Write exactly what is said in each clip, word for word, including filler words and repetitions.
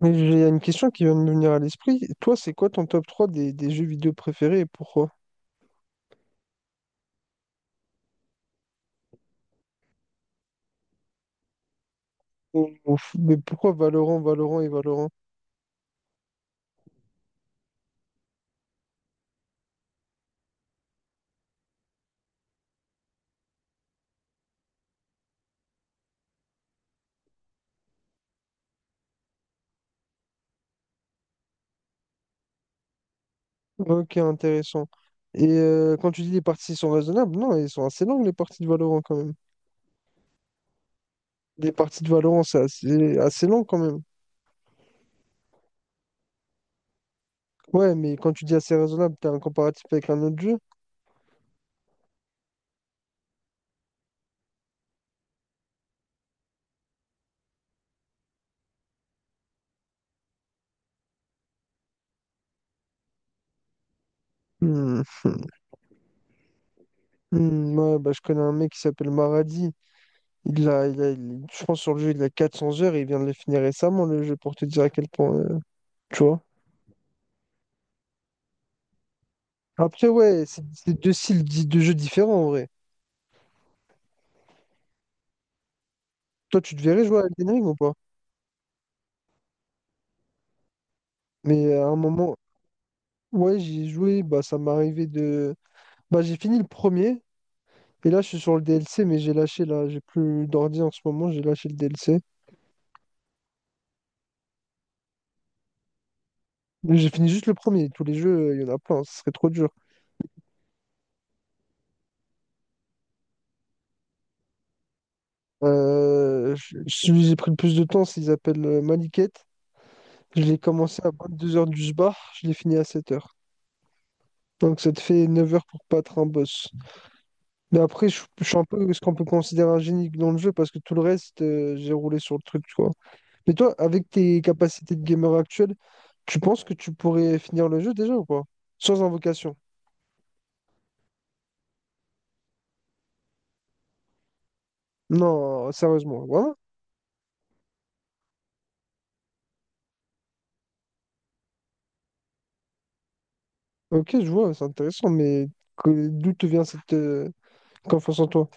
Mais j'ai une question qui vient de me venir à l'esprit. Toi, c'est quoi ton top trois des, des jeux vidéo préférés et pourquoi? Ou- ou f- Mais pourquoi Valorant, Valorant et Valorant? Ok, intéressant. Et euh, quand tu dis les parties sont raisonnables, non, elles sont assez longues les parties de Valorant quand même. Les parties de Valorant, c'est assez, assez long quand même. Ouais, mais quand tu dis assez raisonnable, t'as un comparatif avec un autre jeu? Hmm. Hmm, hmm, ouais, bah, je connais un mec qui s'appelle Maradi. Il a, il a, il- je pense sur le jeu, il a quatre cents heures et il vient de le finir récemment, le jeu, pour te dire à quel point, euh, tu vois. Après, ouais, c'est c'est deux styles di- de jeux différents en vrai. Toi, tu te verrais jouer à Elden Ring ou pas? Mais euh, à un moment, ouais, j'ai joué, bah ça m'est arrivé de. Bah j'ai fini le premier, et là je suis sur le D L C, mais j'ai lâché là, j'ai plus d'ordi en ce moment, j'ai lâché le D L C. Mais J'ai fini juste le premier, tous les jeux, il y en a plein, ce serait trop dur. Euh, je- celui que j'ai pris le plus de temps, c'est- il s'appelle euh, Maliket. Je l'ai commencé à vingt-deux heures du sbar, je l'ai fini à sept heures. Donc ça te fait neuf heures pour battre un boss. Mais après, je, je suis un peu ce qu'on peut considérer un génie dans le jeu parce que tout le reste, euh, j'ai roulé sur le truc, tu vois. Mais toi, avec tes capacités de gamer actuelles, tu penses que tu pourrais finir le jeu déjà ou pas? Sans invocation. Non, sérieusement. Voilà. Ok, je vois, c'est intéressant, mais que- d'où te vient cette euh, confiance en toi?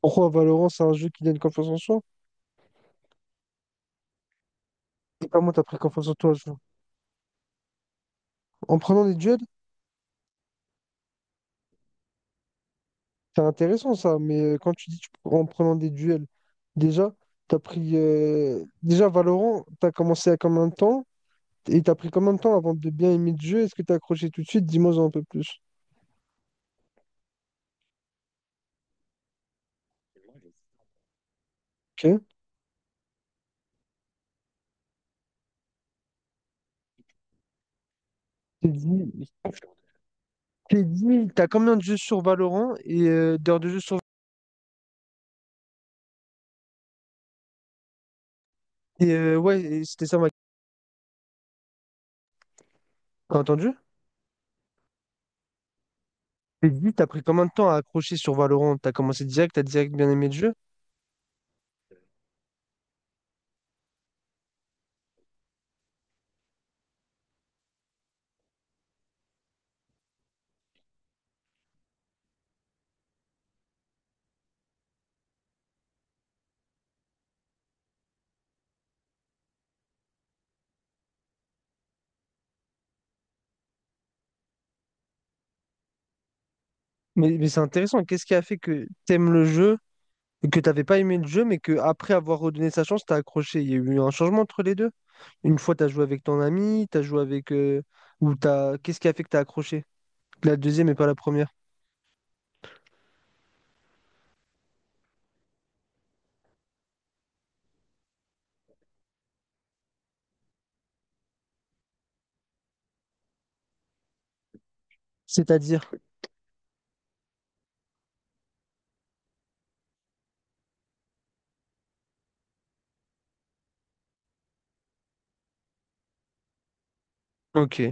Pourquoi Valorant, c'est un jeu qui donne confiance en soi? Et comment t'as pris confiance en toi, ce jeu? En prenant des duels? C'est intéressant ça, mais euh, quand tu dis tu- en prenant des duels, déjà, t'as pris. euh, Déjà, Valorant, t'as commencé à combien de temps? Et t'as pris combien de temps avant de bien aimer le jeu? Est-ce que t'as accroché tout de suite? Dis-moi un peu plus. Ok. T'es dit, t'es dit, t'as combien de jeux sur Valorant et euh, d'heures de jeu sur. Et euh, ouais, et c'était ça ma. T'as entendu? Et dis, t'as pris combien de temps à accrocher sur Valorant? T'as commencé direct, t'as direct bien aimé le jeu? Mais, mais c'est intéressant, qu'est-ce qui a fait que t'aimes le jeu, et que t'avais pas aimé le jeu, mais que après avoir redonné sa chance, t'as accroché? Il y a eu un changement entre les deux? Une fois, t'as joué avec ton ami, t'as joué avec... euh, ou t'as... Qu'est-ce qui a fait que t'as accroché? La deuxième et pas la première? C'est-à-dire, ok.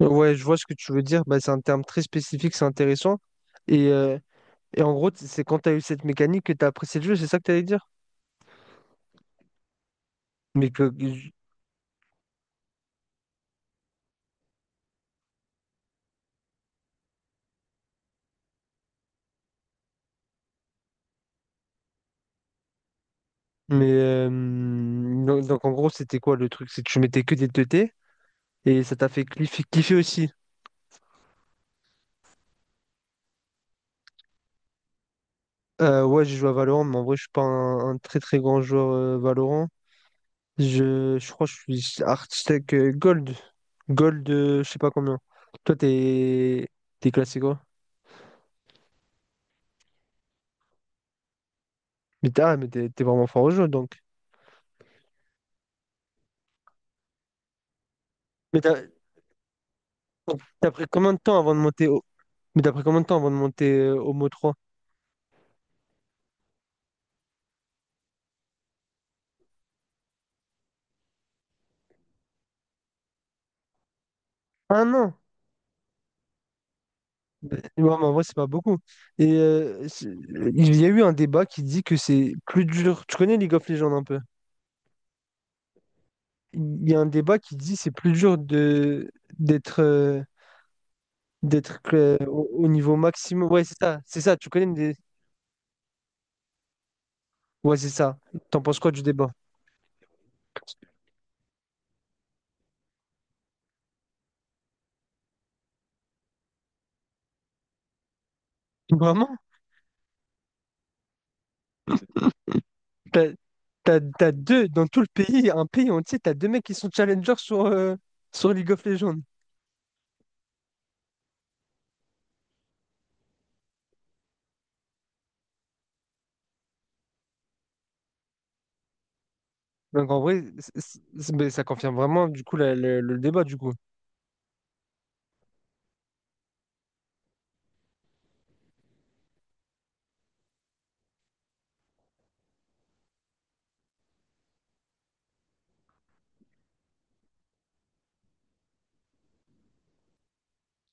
Ouais, je vois ce que tu veux dire. Bah, c'est un terme très spécifique, c'est intéressant. Et, euh, et en gros, t- c'est quand tu as eu cette mécanique que tu as apprécié le jeu, c'est ça que tu allais dire? Mais, que, mais euh, donc, donc, en gros, c'était quoi le truc? C'est que tu mettais que des deux té et ça t'a fait cliffer, kiffer aussi. Euh, ouais, j'ai joué à Valorant, mais en vrai, je suis pas un, un très très grand joueur euh, Valorant. Je, je crois que je suis architecte euh, Gold. Gold, euh, je sais pas combien. Toi, t'es t'es classé quoi? Mais t'es ah, mais t'es- t'es vraiment fort au jeu, donc. Mais t'as donc, t'as pris combien de temps avant de monter au... Mais t'as pris combien de temps avant de monter euh, au mot trois? Un an. Euh, ouais, mais en vrai, c'est pas beaucoup. Et euh, c'est- il y a eu un débat qui dit que c'est plus dur. Tu connais League of Legends un peu? Il y a un débat qui dit que c'est plus dur de d'être euh, d'être euh, au, au niveau maximum. Ouais, c'est ça. C'est ça. Tu connais des... Ouais, c'est ça. T'en penses quoi du débat? Vraiment? T'as, t'as- t'as deux dans tout le pays, un pays entier, t'as deux mecs qui sont challengers sur, euh, sur League of Legends. Donc en vrai, c- c- c- mais ça confirme vraiment du coup la- le, le débat du coup.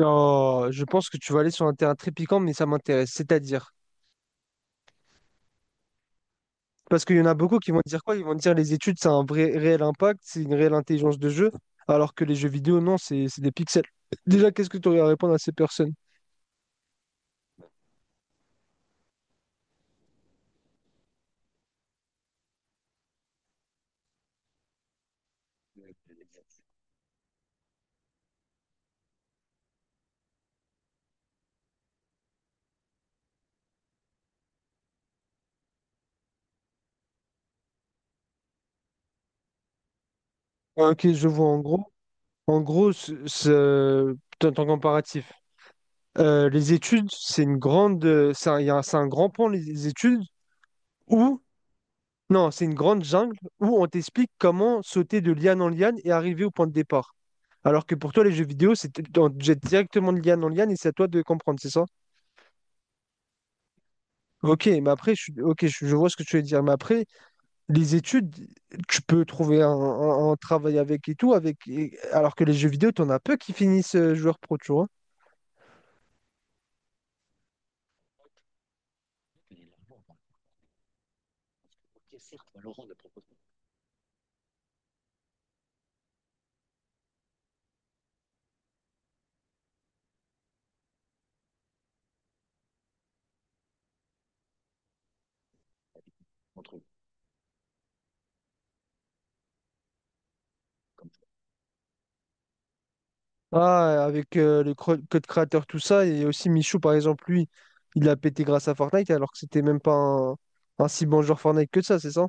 Oh, je pense que tu vas aller sur un terrain très piquant, mais ça m'intéresse. C'est-à-dire, parce qu'il y en a beaucoup qui vont dire quoi? Ils vont dire les études, ça a un vrai réel impact, c'est une réelle intelligence de jeu, alors que les jeux vidéo, non, c'est c'est des pixels. Déjà, qu'est-ce que tu aurais à répondre à ces personnes? Ah, ok, je vois en gros. En gros, ce, ce- ton ton comparatif. Euh, les études, c'est une grande, euh, c'est un, il y a un- c'est un grand pan, les études, où Non, c'est une grande jungle où on t'explique comment sauter de liane en liane et arriver au point de départ. Alors que pour toi, les jeux vidéo, c'est on te jette directement de liane en liane et c'est à toi de comprendre, c'est ça? Ok, mais après, je, suis- ok, je, je vois ce que tu veux dire. Mais après, les études, tu peux trouver un, un- un travail avec et tout, avec, et- alors que les jeux vidéo, t'en as peu qui finissent euh, joueur pro, tu vois. Ah, avec euh, le cro- code créateur, tout ça, et aussi Michou, par exemple, lui, il a pété grâce à Fortnite, alors que c'était même pas un, un si bon joueur Fortnite que ça, c'est ça?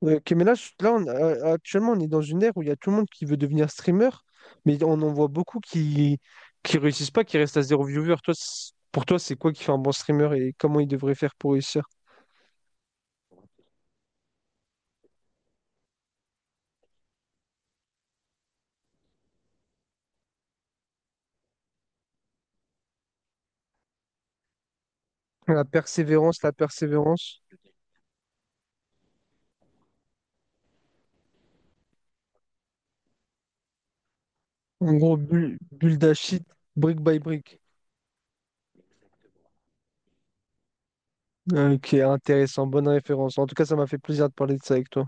Ouais, ok, mais là, je- là on, a- actuellement, on est dans une ère où il y a tout le monde qui veut devenir streamer, mais on en voit beaucoup qui qui réussissent pas, qui restent à zéro viewer. Toi, c- pour toi, c'est quoi qui fait un bon streamer et comment il devrait faire pour réussir? La persévérance, la persévérance. En gros, bulle, bulle d'Achille, brick by brick. Ok, intéressant, bonne référence. En tout cas, ça m'a fait plaisir de parler de ça avec toi.